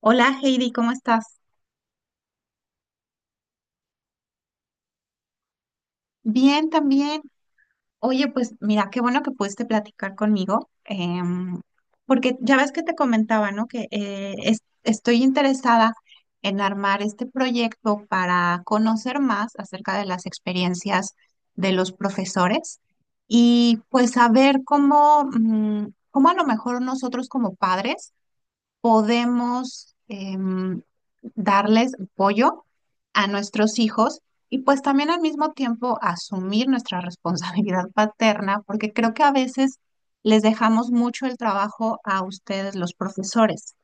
Hola Heidi, ¿cómo estás? Bien, también. Oye, pues mira, qué bueno que pudiste platicar conmigo, porque ya ves que te comentaba, ¿no? Que estoy interesada en armar este proyecto para conocer más acerca de las experiencias de los profesores y pues saber cómo a lo mejor nosotros como padres podemos darles apoyo a nuestros hijos y pues también al mismo tiempo asumir nuestra responsabilidad paterna, porque creo que a veces les dejamos mucho el trabajo a ustedes, los profesores.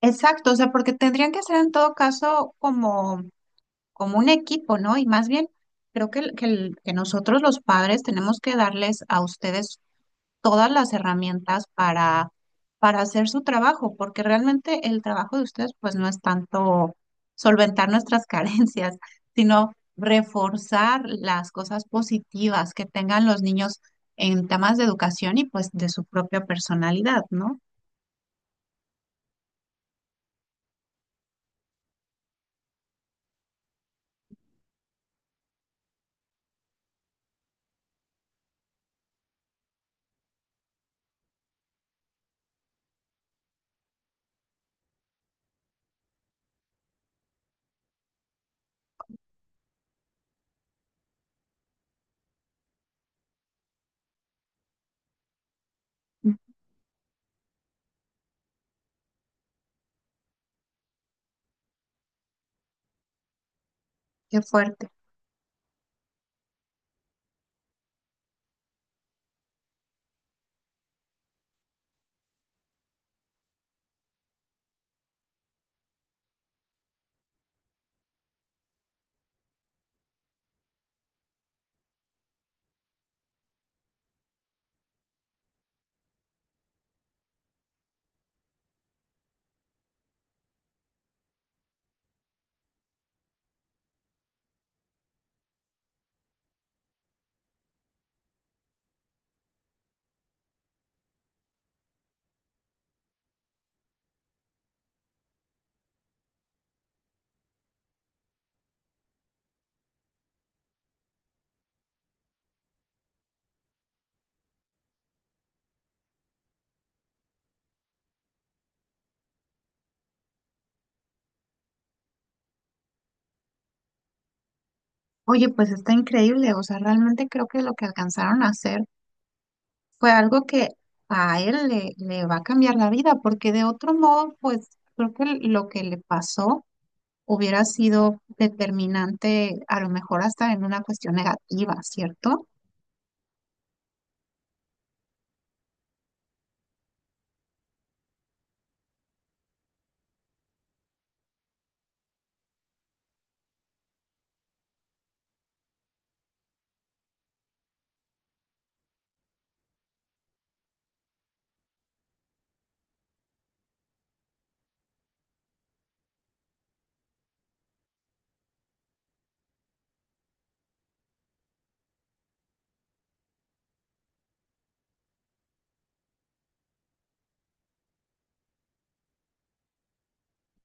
Exacto, o sea, porque tendrían que ser en todo caso como, como un equipo, ¿no? Y más bien, creo que, que nosotros los padres tenemos que darles a ustedes todas las herramientas para hacer su trabajo, porque realmente el trabajo de ustedes pues no es tanto solventar nuestras carencias, sino reforzar las cosas positivas que tengan los niños en temas de educación y pues de su propia personalidad, ¿no? Mm. Qué fuerte. Oye, pues está increíble, o sea, realmente creo que lo que alcanzaron a hacer fue algo que a él le va a cambiar la vida, porque de otro modo, pues creo que lo que le pasó hubiera sido determinante, a lo mejor hasta en una cuestión negativa, ¿cierto?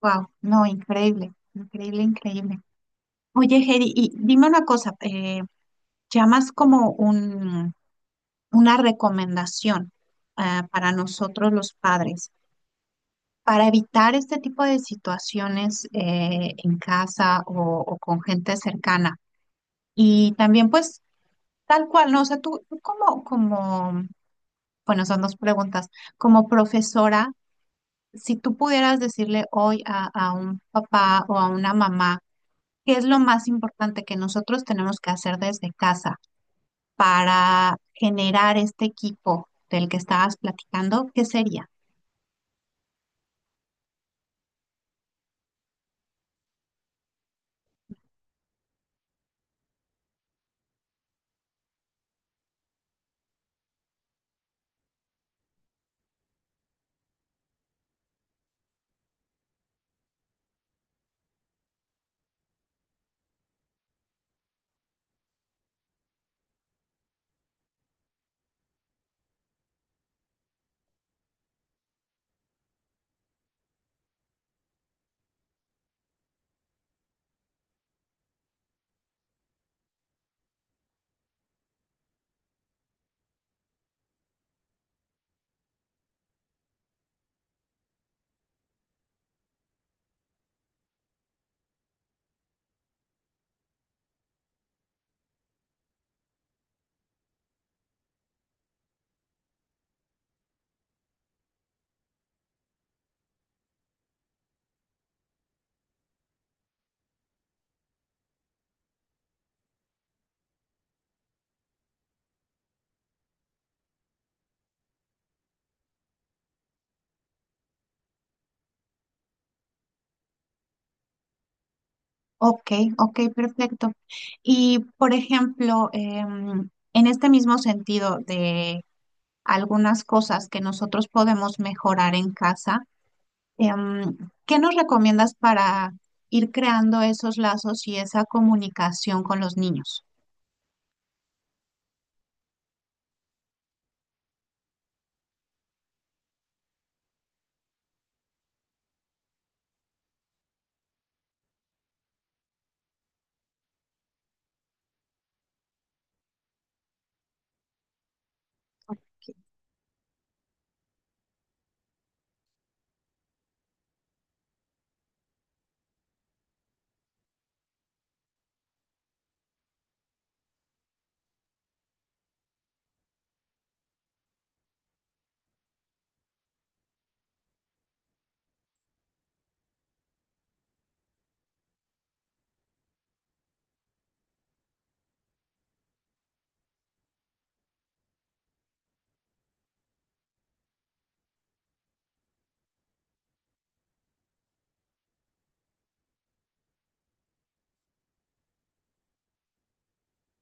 Wow, no, increíble, increíble, increíble. Oye, Heidi, y dime una cosa, llamas como un, una recomendación para nosotros los padres, para evitar este tipo de situaciones en casa o con gente cercana. Y también, pues, tal cual, ¿no? O sea, tú como, como, bueno, son dos preguntas como profesora, si tú pudieras decirle hoy a un papá o a una mamá, ¿qué es lo más importante que nosotros tenemos que hacer desde casa para generar este equipo del que estabas platicando? ¿Qué sería? Ok, ok, perfecto. Y, por ejemplo, en este mismo sentido de algunas cosas que nosotros podemos mejorar en casa, em, ¿qué nos recomiendas para ir creando esos lazos y esa comunicación con los niños?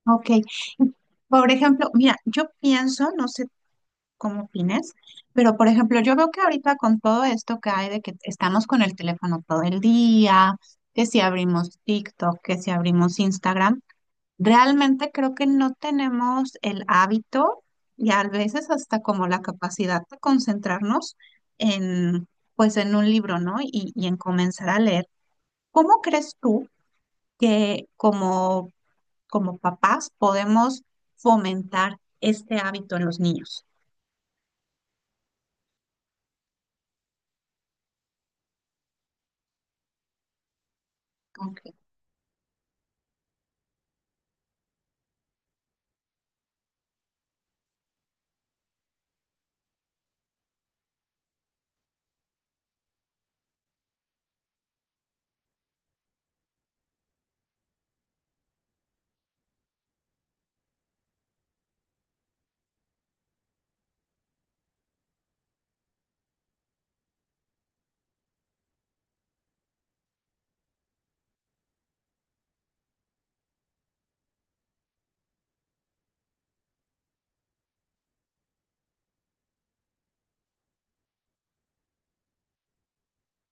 Ok. Por ejemplo, mira, yo pienso, no sé cómo opines, pero por ejemplo, yo veo que ahorita con todo esto que hay de que estamos con el teléfono todo el día, que si abrimos TikTok, que si abrimos Instagram, realmente creo que no tenemos el hábito y a veces hasta como la capacidad de concentrarnos en, pues en un libro, ¿no? Y en comenzar a leer. ¿Cómo crees tú que como como papás podemos fomentar este hábito en los niños? Ok.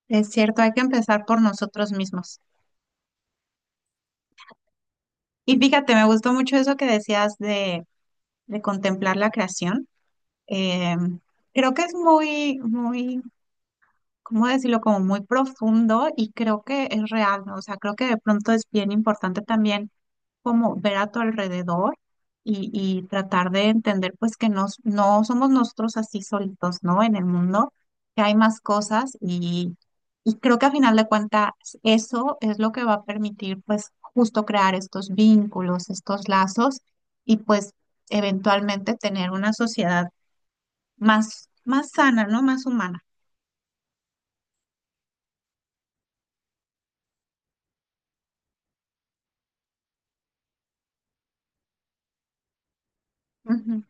Es cierto, hay que empezar por nosotros mismos. Y fíjate, me gustó mucho eso que decías de contemplar la creación. Eh, creo que es muy, muy, ¿cómo decirlo? Como muy profundo y creo que es real, ¿no? O sea, creo que de pronto es bien importante también como ver a tu alrededor y tratar de entender pues que nos no somos nosotros así solitos, ¿no? En el mundo, que hay más cosas y creo que a final de cuentas eso es lo que va a permitir pues justo crear estos vínculos, estos lazos y pues eventualmente tener una sociedad más, más sana, ¿no? Más humana. Ujú.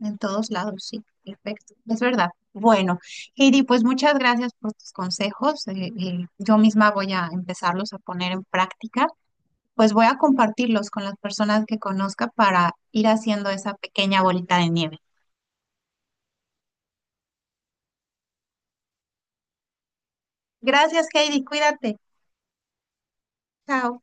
En todos lados, sí, perfecto, es verdad. Bueno, Heidi, pues muchas gracias por tus consejos. Yo misma voy a empezarlos a poner en práctica. Pues voy a compartirlos con las personas que conozca para ir haciendo esa pequeña bolita de nieve. Gracias, Heidi, cuídate. Chao.